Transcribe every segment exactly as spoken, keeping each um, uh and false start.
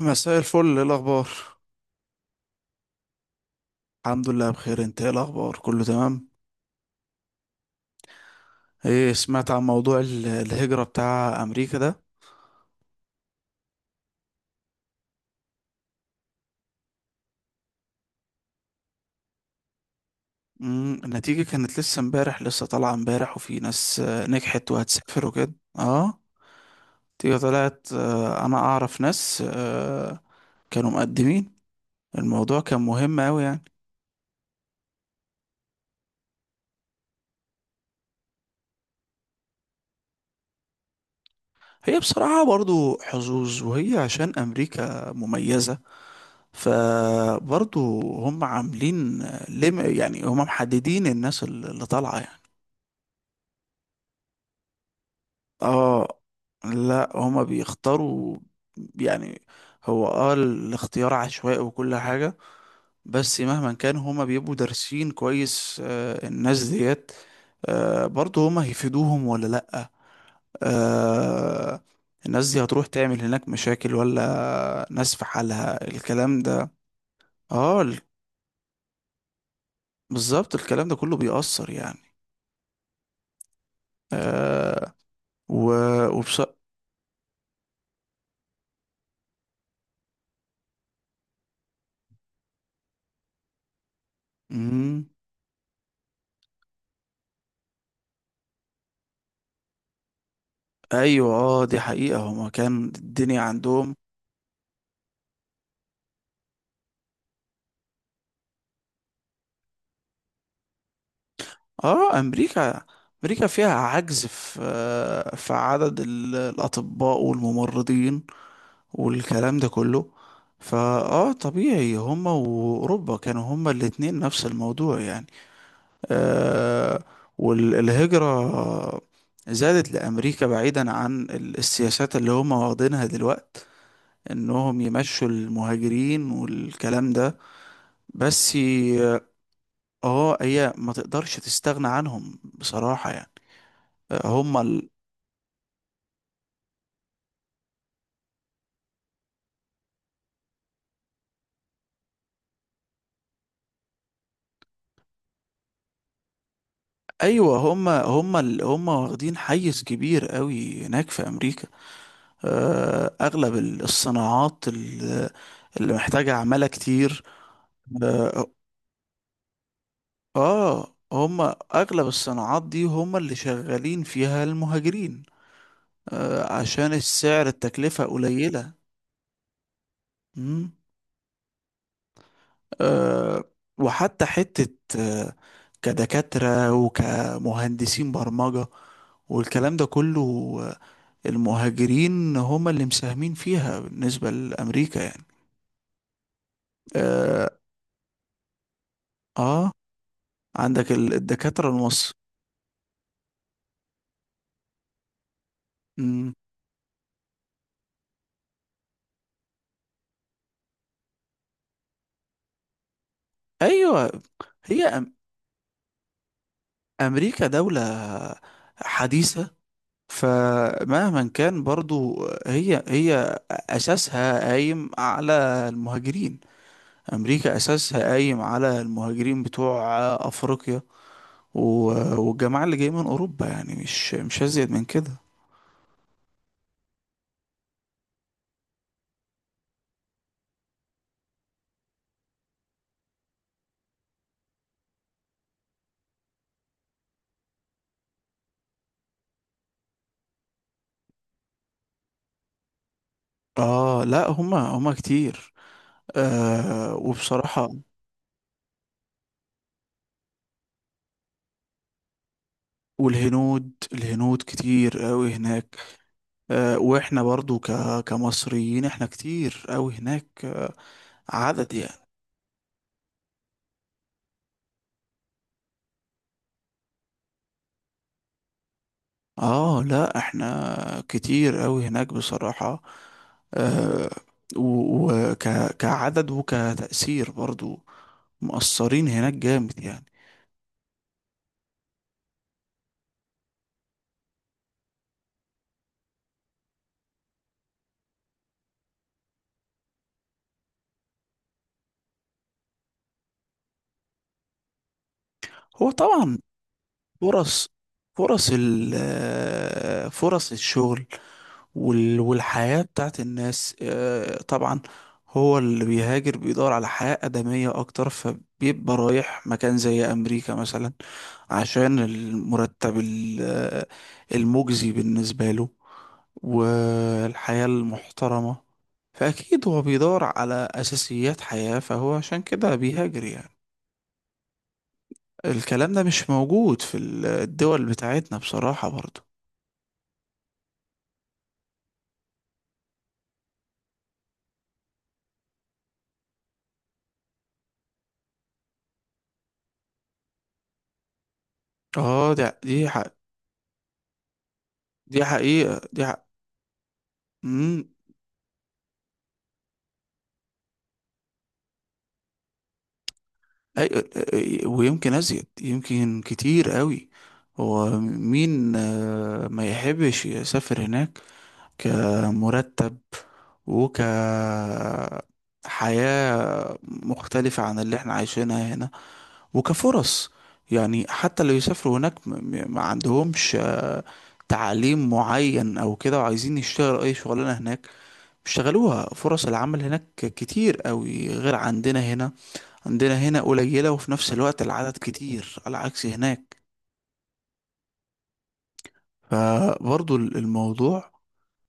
مساء الفل، ايه الاخبار؟ الحمد لله بخير، انت ايه الاخبار؟ كله تمام؟ ايه سمعت عن موضوع ال- الهجرة بتاع امريكا ده؟ امم النتيجة كانت لسه امبارح، لسه طالعة امبارح، وفي ناس آه، نجحت وهتسافر وكده. اه، النتيجة طلعت، آه، انا اعرف ناس آه، كانوا مقدمين. الموضوع كان مهم اوي يعني. هي بصراحة برضو حظوظ، وهي عشان امريكا مميزة، فبرضه هم عاملين. لم يعني هم محددين الناس اللي طالعة يعني. اه، لا هم بيختاروا يعني. هو اه الاختيار عشوائي وكل حاجة. بس مهما كان هما بيبقوا دارسين كويس، آه، الناس ديت. آه، برضه هما هيفيدوهم ولا لأ؟ آه، الناس دي هتروح تعمل هناك مشاكل ولا ناس في حالها؟ الكلام ده. اه، ال- بالظبط الكلام ده كله بيأثر يعني. آه و وبص. مم. ايوه، اه، دي حقيقة. هما كان الدنيا عندهم. اه، امريكا امريكا فيها عجز في آه، في عدد ال- الاطباء والممرضين والكلام ده كله. فاه طبيعي، هما واوروبا كانوا هما الاتنين نفس الموضوع يعني. آه والهجرة زادت لامريكا، بعيدا عن ال- السياسات اللي هما واخدينها دلوقتي، انهم يمشوا المهاجرين والكلام ده. بس ي- اه، هي ما تقدرش تستغنى عنهم بصراحة يعني. هم ال... ايوه، هم هم ال... هم واخدين حيز كبير قوي هناك في امريكا. آه، اغلب ال- الصناعات ال- اللي محتاجة عمالة كتير. اه آه، هم اغلب الصناعات دي هم اللي شغالين فيها المهاجرين. آه، عشان السعر، التكلفة قليلة. مم. آه، وحتى حتة، آه، كدكاترة وكمهندسين برمجة والكلام ده كله، آه، المهاجرين هم اللي مساهمين فيها بالنسبة لأمريكا يعني. آه, آه عندك ال- الدكاترة المصر. مم. أيوة. هي أم- أمريكا دولة حديثة، فمهما كان برضو هي هي أساسها قايم على المهاجرين. امريكا اساسها قايم على المهاجرين بتوع افريقيا و- والجماعه اللي جايه من اوروبا يعني، مش مش هزيد من كده. اه، لا هما هما كتير. آه وبصراحه. والهنود الهنود كتير قوي هناك. آه واحنا برضو ك كمصريين احنا كتير قوي هناك. آه، عدد يعني. اه، لا احنا كتير قوي هناك بصراحه. آه وكعدد وكتأثير برضو مقصرين هناك جامد يعني. هو طبعا فرص فرص ال فرص الشغل وال- والحياة بتاعت الناس، آه، طبعا. هو اللي بيهاجر بيدور على حياة آدمية أكتر، فبيبقى رايح مكان زي أمريكا مثلا عشان المرتب ال- آه، المجزي بالنسبة له، والحياة المحترمة. فأكيد هو بيدور على أساسيات حياة، فهو عشان كده بيهاجر يعني. الكلام ده مش موجود في ال- الدول بتاعتنا بصراحة برضو. اه، ده دي حق، دي حقيقة دي حق. مم. أي... أي- ويمكن أزيد، يمكن كتير قوي. هو مين آه، ما يحبش يسافر هناك؟ كمرتب وكحياة مختلفة عن اللي احنا عايشينها هنا، وكفرص. يعني حتى اللي يسافروا هناك م- م- ما عندهمش آه، تعليم معين او كده، وعايزين يشتغلوا اي شغلانة هناك، بيشتغلوها. فرص العمل هناك كتير قوي غير عندنا هنا. عندنا هنا قليلة وفي نفس الوقت العدد كتير على عكس هناك. فبرضو الموضوع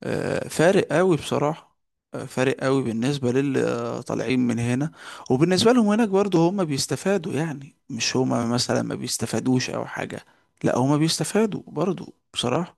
آه، فارق قوي بصراحة، آه، فارق قوي بالنسبة للي طالعين من هنا. وبالنسبة لهم هناك برضو هم بيستفادوا يعني، مش هما مثلا ما بيستفادوش أو حاجة. لا هما بيستفادوا برضو بصراحة.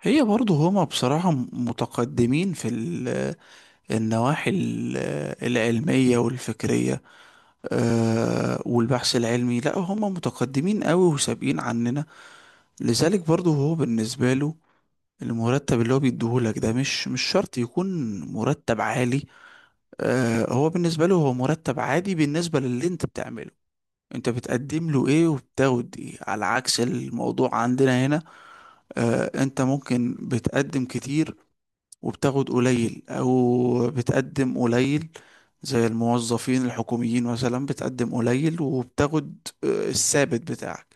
هي برضو هما بصراحة م- متقدمين في ال- النواحي ال- العلمية والفكرية، آه، والبحث العلمي. لا هما متقدمين قوي وسابقين عننا. لذلك برضو هو بالنسبة له، المرتب اللي هو بيديهولك ده مش مش شرط يكون مرتب عالي. آه هو بالنسبة له هو مرتب عادي بالنسبة للي انت بتعمله. انت بتقدم له ايه وبتاخد ايه؟ على عكس الموضوع عندنا هنا. آه انت ممكن بتقدم كتير وبتاخد قليل، او بتقدم قليل زي الموظفين الحكوميين مثلا، بتقدم قليل وبتاخد آه الثابت بتاعك.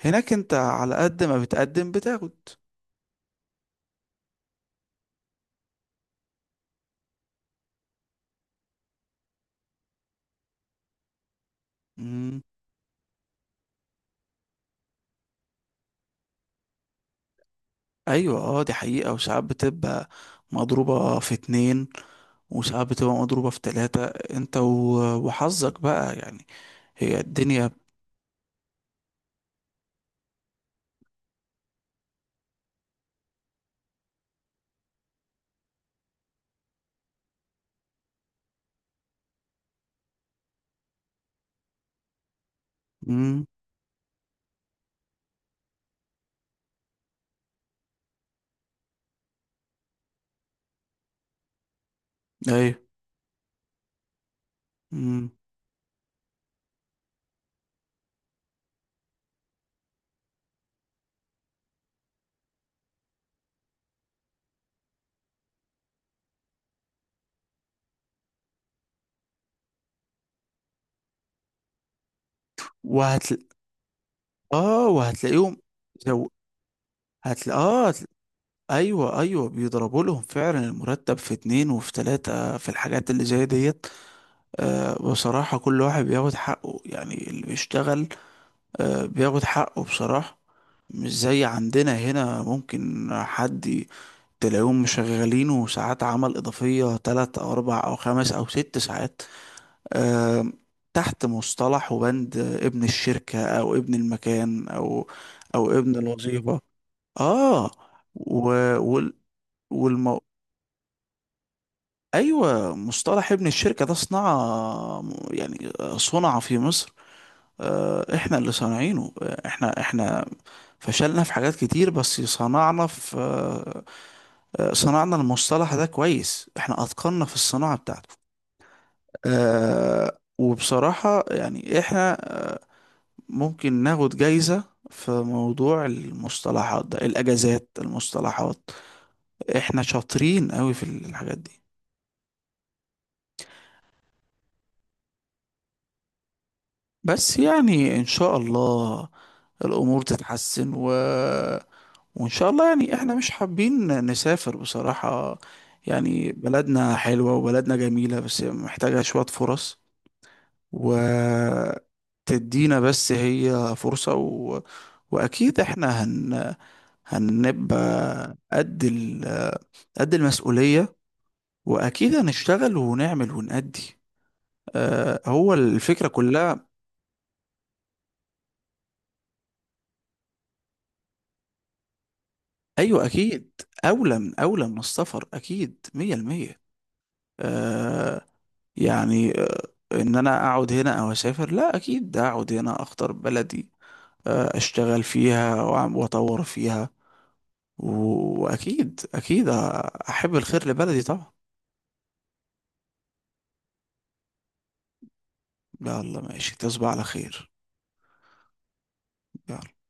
هناك انت على قد ما بتقدم بتاخد. ايوه، اه، دي حقيقة. وساعات بتبقى مضروبة في اتنين، وساعات بتبقى مضروبة في تلاتة، انت و- وحظك بقى يعني. هي الدنيا. امم ايوه. امم وهتل اه، وهتلاقيهم. زو... هتل... اه هتل... ايوه، ايوه، بيضربوا لهم فعلا المرتب في اتنين وفي تلاتة في الحاجات اللي زي ديت. آه بصراحة كل واحد بياخد حقه يعني، اللي بيشتغل آه بياخد حقه بصراحة. مش زي عندنا هنا، ممكن حد تلاقيهم شغالينه ساعات عمل إضافية تلات أو أربع أو خمس أو ست ساعات، آم، تحت مصطلح وبند ابن الشركة، أو ابن المكان، أو أو ابن الوظيفة. آه و وال والمو... أيوة، مصطلح ابن الشركة ده صنع، يعني صنع في مصر. آه، إحنا اللي صانعينه، آه، إحنا إحنا فشلنا في حاجات كتير، بس صنعنا في، آه، آه، صنعنا المصطلح ده كويس. احنا اتقنا في الصناعة بتاعته. آه، وبصراحة يعني احنا ممكن ناخد جايزة في موضوع المصطلحات ده، الاجازات، المصطلحات، احنا شاطرين قوي في الحاجات دي. بس يعني ان شاء الله الامور تتحسن و... وان شاء الله. يعني احنا مش حابين نسافر بصراحة، يعني بلدنا حلوة وبلدنا جميلة، بس محتاجة شوية فرص. وتدينا بس هي فرصة، و... واكيد احنا هن... هنبقى قد ال... قد المسؤولية، واكيد هنشتغل ونعمل ونأدي. أه، هو الفكرة كلها. ايوه اكيد، اولى من اولى من السفر اكيد مية بالمية. آه يعني آه ان انا اقعد هنا او اسافر؟ لا اكيد اقعد هنا، اختار بلدي، آه اشتغل فيها وأعم- واطور فيها، و- واكيد اكيد، آه، احب الخير لبلدي طبعا. يلا، ماشي، تصبح على خير. يلا.